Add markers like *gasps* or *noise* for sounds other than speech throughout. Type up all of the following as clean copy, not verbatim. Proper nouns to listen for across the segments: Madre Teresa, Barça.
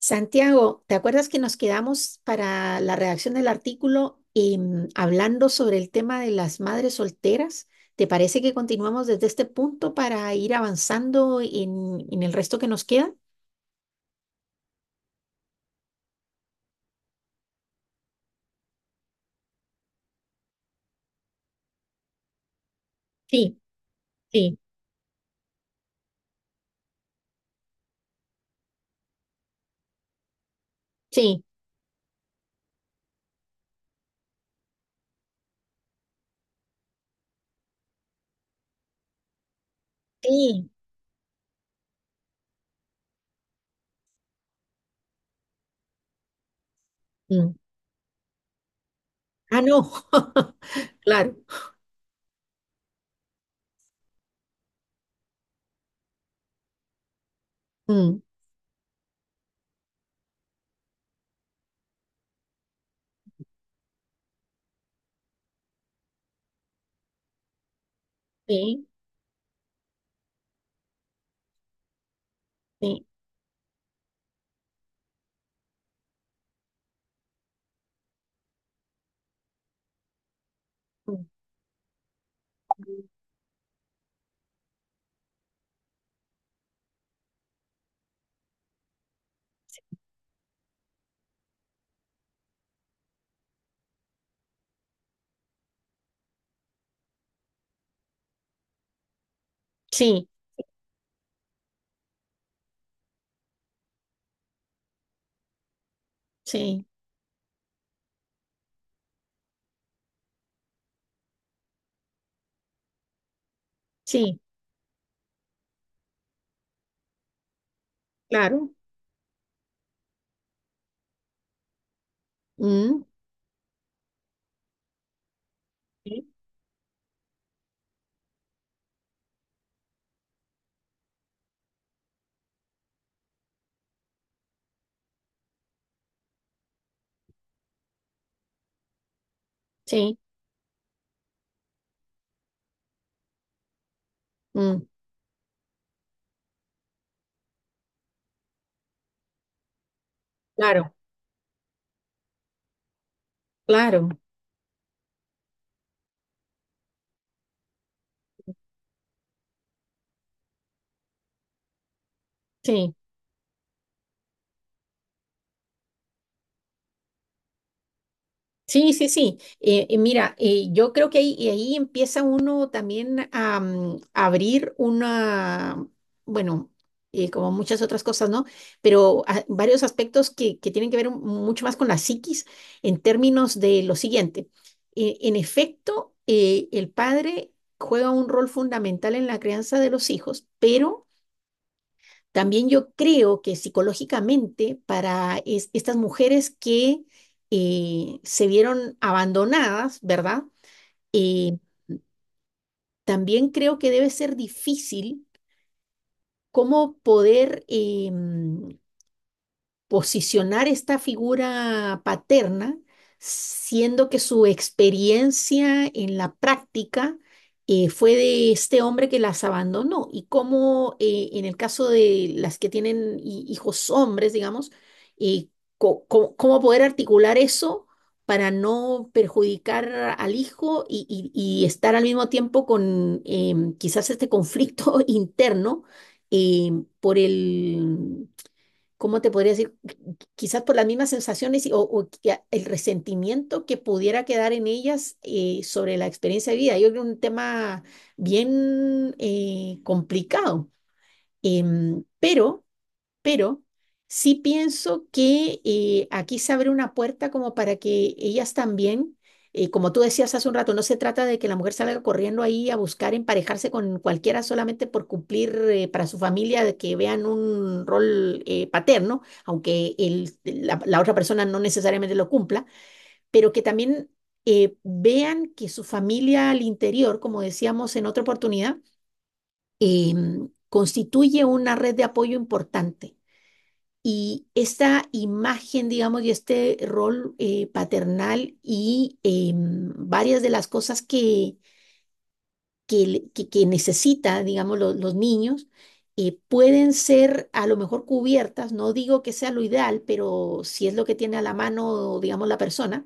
Santiago, ¿te acuerdas que nos quedamos para la redacción del artículo hablando sobre el tema de las madres solteras? ¿Te parece que continuamos desde este punto para ir avanzando en el resto que nos queda? Sí, sí, sí, sí. Mm. Ah, no. *laughs* Claro. Mm. Sí, sí, mm, sí, sí, sí, claro. Mm. Sí, sí, mm, claro, claro, sí. Sí, sí, sí. Mira, yo creo que ahí, y ahí empieza uno también a abrir una, bueno, como muchas otras cosas, ¿no? Pero ah, varios aspectos que tienen que ver mucho más con la psiquis en términos de lo siguiente. En efecto, el padre juega un rol fundamental en la crianza de los hijos, pero también yo creo que psicológicamente para estas mujeres que se vieron abandonadas, ¿verdad? Eh, también creo que debe ser difícil cómo poder posicionar esta figura paterna, siendo que su experiencia en la práctica fue de este hombre que las abandonó, y cómo en el caso de las que tienen hijos hombres, digamos, eh, cómo poder articular eso para no perjudicar al hijo y estar al mismo tiempo con quizás este conflicto *laughs* interno por ¿cómo te podría decir? Quizás por las mismas sensaciones o que el resentimiento que pudiera quedar en ellas sobre la experiencia de vida. Yo creo que es un tema bien complicado. Pero pero sí pienso que aquí se abre una puerta como para que ellas también, como tú decías hace un rato, no se trata de que la mujer salga corriendo ahí a buscar emparejarse con cualquiera solamente por cumplir, para su familia, de que vean un rol paterno, aunque la otra persona no necesariamente lo cumpla, pero que también... vean que su familia al interior, como decíamos en otra oportunidad, constituye una red de apoyo importante. Y esta imagen, digamos, y este rol paternal y varias de las cosas que necesita, digamos, los niños, pueden ser a lo mejor cubiertas, no digo que sea lo ideal, pero si es lo que tiene a la mano, digamos, la persona,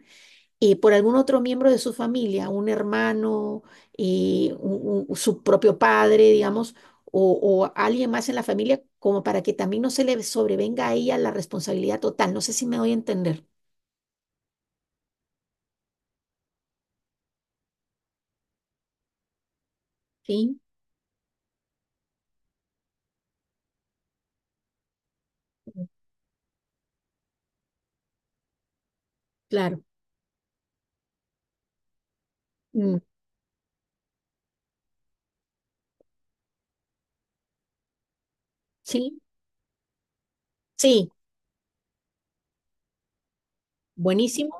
por algún otro miembro de su familia, un hermano, su propio padre, digamos, o, o alguien más en la familia, como para que también no se le sobrevenga a ella la responsabilidad total. No sé si me doy a entender. Sí. Mm, claro. Mm. Sí, sí, buenísimo.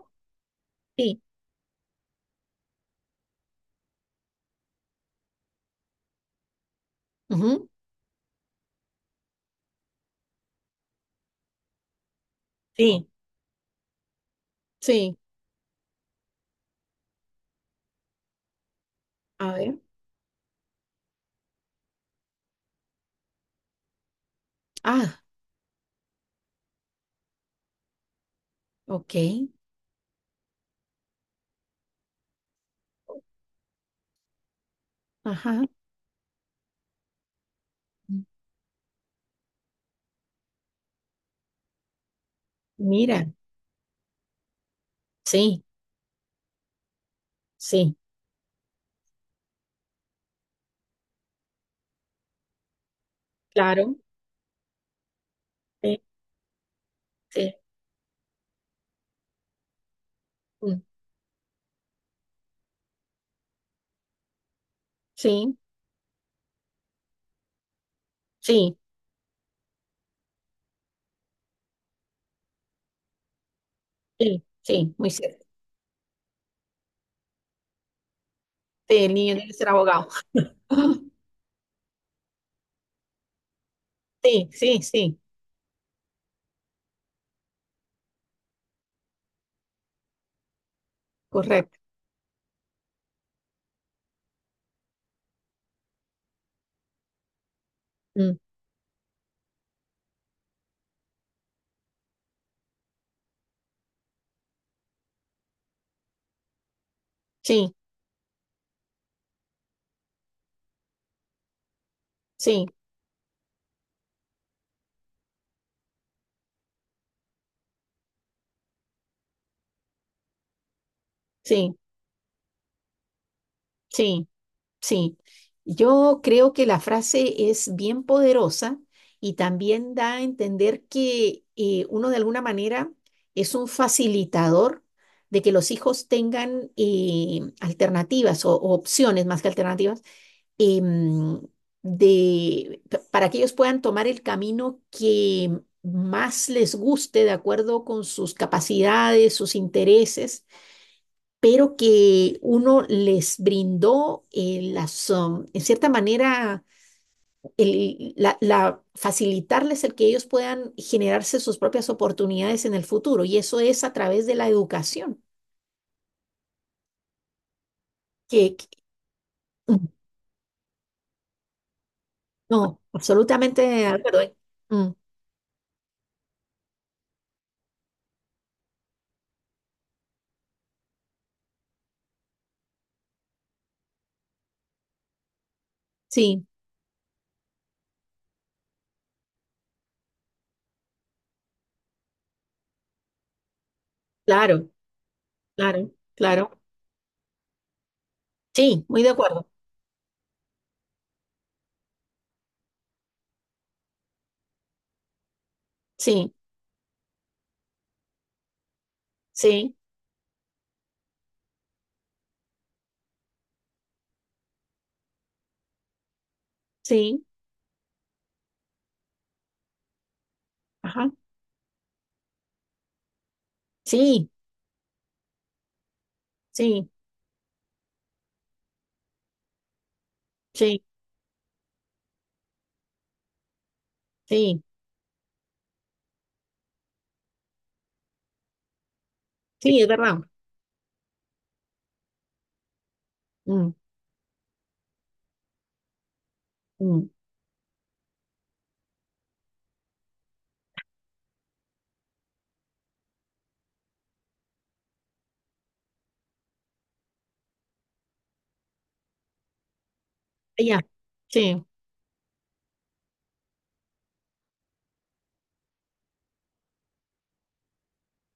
Sí, ujú. Sí, sí. A ver. Ah, ok. Ajá. Mm. Mira, sí, sí, claro. Sí, sí, mm, sí, sí, sí, sí, muy cierto. Sí, el niño debe ser abogado. *laughs* *gasps* Sí, sí, sí, correcto. Mm. Sí, sí, sí, sí, sí. Yo creo que la frase es bien poderosa y también da a entender que uno de alguna manera es un facilitador de que los hijos tengan alternativas o opciones más que alternativas, em, para que ellos puedan tomar el camino que más les guste de acuerdo con sus capacidades, sus intereses, pero que uno les brindó en cierta manera, facilitarles el que ellos puedan generarse sus propias oportunidades en el futuro. Y eso es a través de la educación. Que, que- mm, no, absolutamente de acuerdo. Mm, sí, claro, claro, claro. Sí, muy de acuerdo. Sí, sí, sí, ajá, sí, sí, sí, sí, sí, es verdad. Mm, mm. Ya, sí,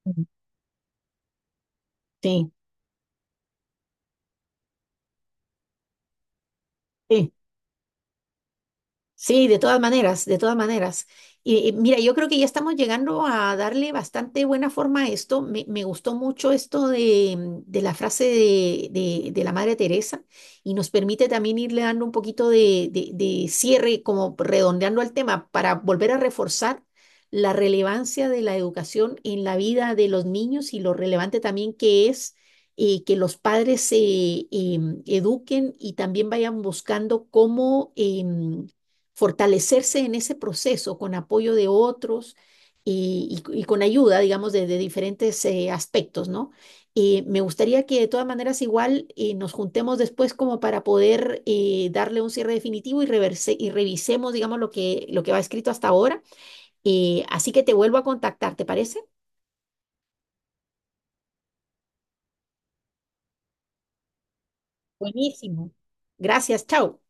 mm, sí, sí. Sí, de todas maneras, de todas maneras. Y mira, yo creo que ya estamos llegando a darle bastante buena forma a esto. Me gustó mucho esto de la frase de la Madre Teresa, y nos permite también irle dando un poquito de cierre, como redondeando el tema, para volver a reforzar la relevancia de la educación en la vida de los niños, y lo relevante también que es que los padres se eduquen y también vayan buscando cómo... fortalecerse en ese proceso con apoyo de otros y con ayuda, digamos, de diferentes aspectos, ¿no? Y me gustaría que de todas maneras igual nos juntemos después como para poder darle un cierre definitivo y, reverse, y revisemos, digamos, lo que va escrito hasta ahora. Así que te vuelvo a contactar, ¿te parece? Buenísimo. Gracias, chao.